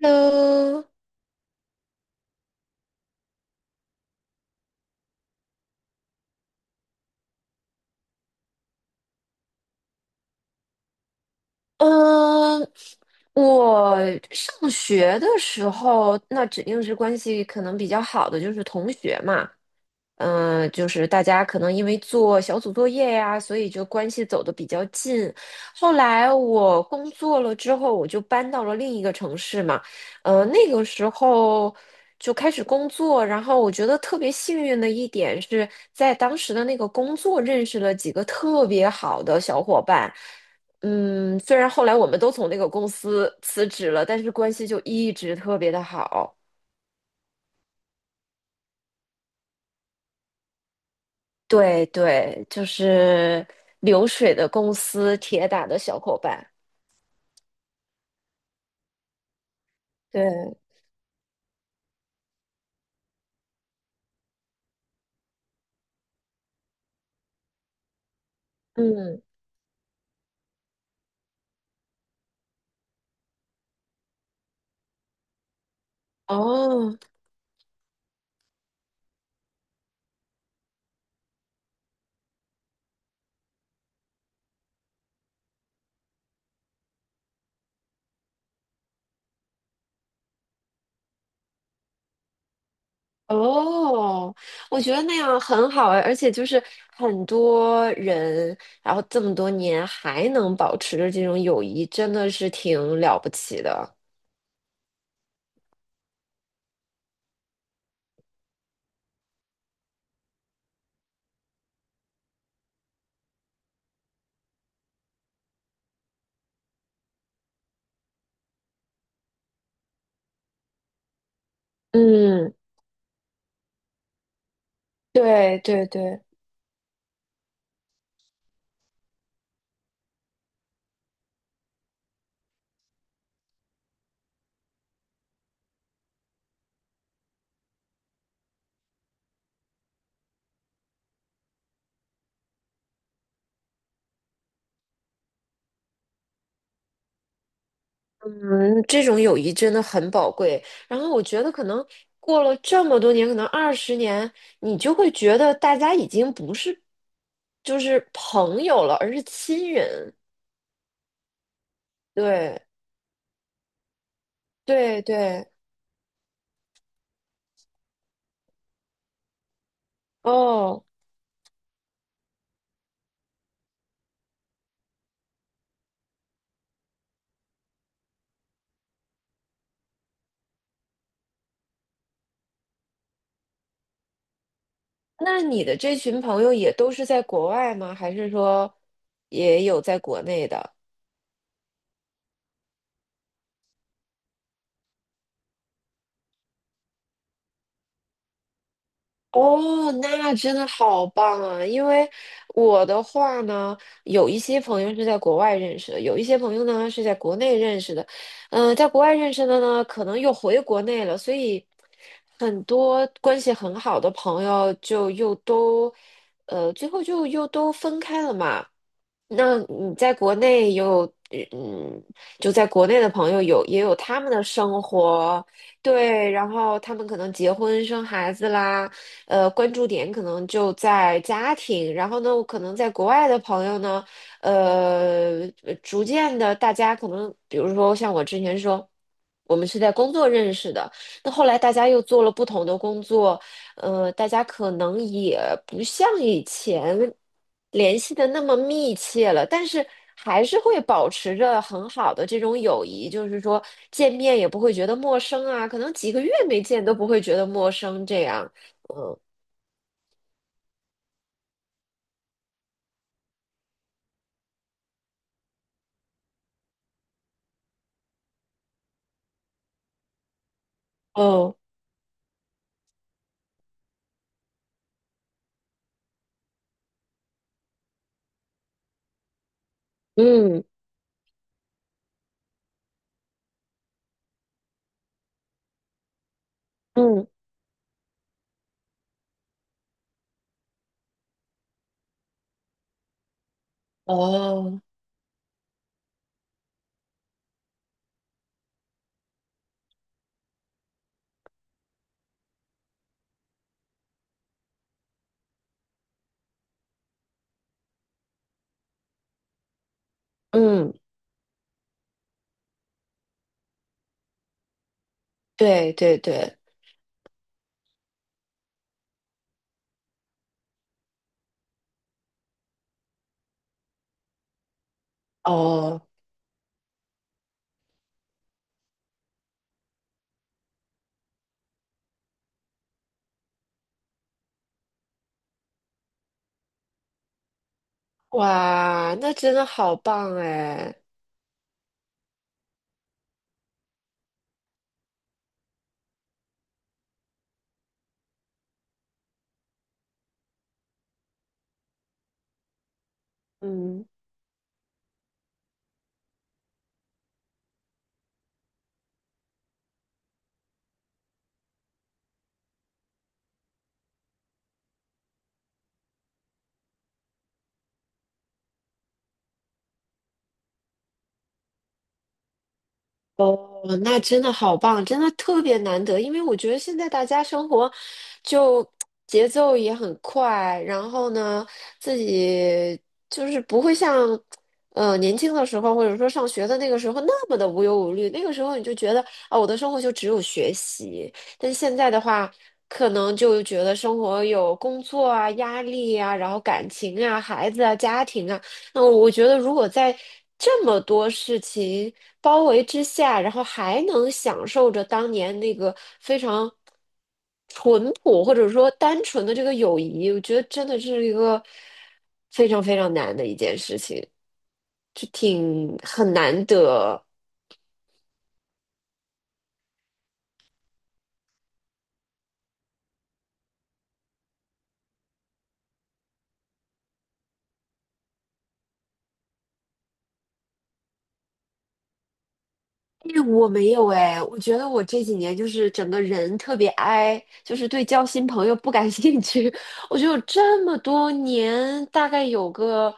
h e l 嗯，呃我上学的时候，那指定是关系可能比较好的，就是同学嘛。就是大家可能因为做小组作业呀，所以就关系走得比较近。后来我工作了之后，我就搬到了另一个城市嘛，那个时候就开始工作，然后我觉得特别幸运的一点是在当时的那个工作认识了几个特别好的小伙伴。虽然后来我们都从那个公司辞职了，但是关系就一直特别的好。对对，就是流水的公司，铁打的小伙伴。对，嗯，哦哦，我觉得那样很好哎，而且就是很多人，然后这么多年还能保持着这种友谊，真的是挺了不起的。嗯，对对对。嗯，这种友谊真的很宝贵。然后我觉得，可能过了这么多年，可能20年，你就会觉得大家已经不是就是朋友了，而是亲人。对，对，对。哦，那你的这群朋友也都是在国外吗？还是说也有在国内的？哦，那真的好棒啊！因为我的话呢，有一些朋友是在国外认识的，有一些朋友呢是在国内认识的。在国外认识的呢，可能又回国内了，所以很多关系很好的朋友就又都，最后就又都分开了嘛。那你在国内有，嗯，就在国内的朋友有也有他们的生活，对，然后他们可能结婚生孩子啦，关注点可能就在家庭。然后呢，我可能在国外的朋友呢，逐渐的，大家可能，比如说像我之前说，我们是在工作认识的，那后来大家又做了不同的工作，大家可能也不像以前联系的那么密切了，但是还是会保持着很好的这种友谊，就是说见面也不会觉得陌生啊，可能几个月没见都不会觉得陌生这样。哦，嗯嗯哦，嗯，对对对，哦，哇，那真的好棒哎。嗯。哦，那真的好棒，真的特别难得，因为我觉得现在大家生活就节奏也很快，然后呢，自己就是不会像年轻的时候，或者说上学的那个时候那么的无忧无虑。那个时候你就觉得啊，我的生活就只有学习，但现在的话，可能就觉得生活有工作啊、压力啊，然后感情啊、孩子啊、家庭啊。那我觉得，如果在这么多事情包围之下，然后还能享受着当年那个非常淳朴或者说单纯的这个友谊，我觉得真的是一个非常非常难的一件事情，就挺很难得。因为我没有哎，我觉得我这几年就是整个人特别 i,就是对交新朋友不感兴趣。我觉得我这么多年，大概有个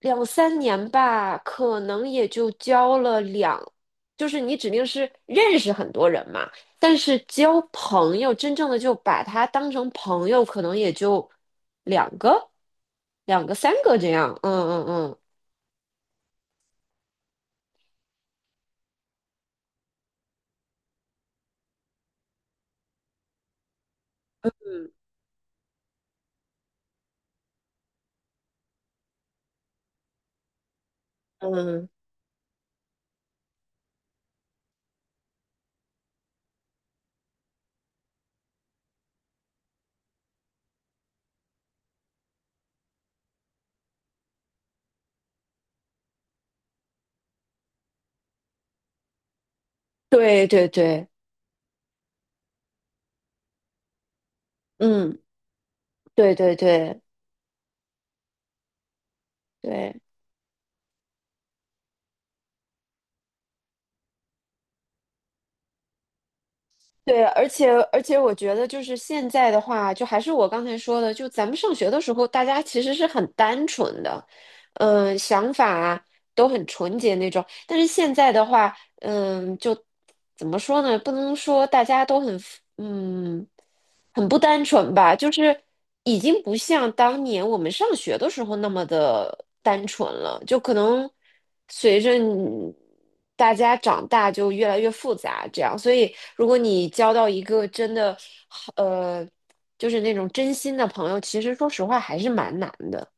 两三年吧，可能也就交了两，就是你指定是认识很多人嘛，但是交朋友，真正的就把他当成朋友，可能也就两个、两个、三个这样。嗯嗯嗯，嗯，对对对，嗯，对对对对。对，而且,我觉得就是现在的话，就还是我刚才说的，就咱们上学的时候，大家其实是很单纯的，想法啊都很纯洁那种。但是现在的话，就怎么说呢？不能说大家都嗯很不单纯吧，就是已经不像当年我们上学的时候那么的单纯了，就可能随着你大家长大就越来越复杂，这样。所以，如果你交到一个真的好，就是那种真心的朋友，其实说实话还是蛮难的。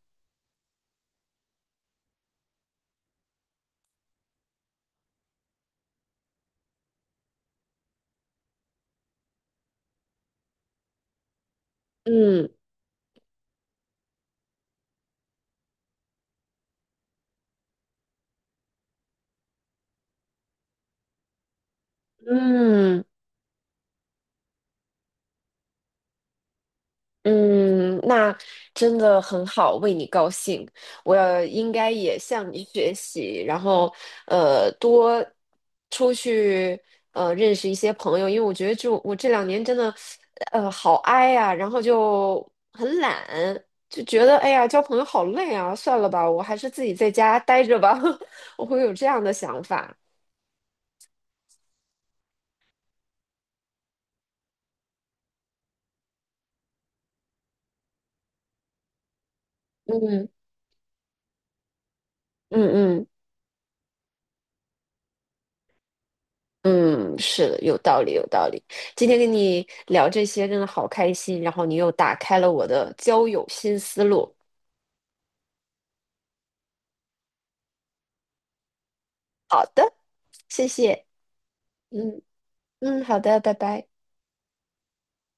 嗯嗯。嗯，那真的很好，为你高兴。我应该也向你学习，然后多出去认识一些朋友，因为我觉得就我这2年真的好 i 呀、然后就很懒，就觉得哎呀交朋友好累啊，算了吧，我还是自己在家待着吧，我会有这样的想法。嗯嗯嗯。嗯，是的，有道理，有道理。今天跟你聊这些真的好开心，然后你又打开了我的交友新思路，谢谢。嗯嗯，好的，拜拜。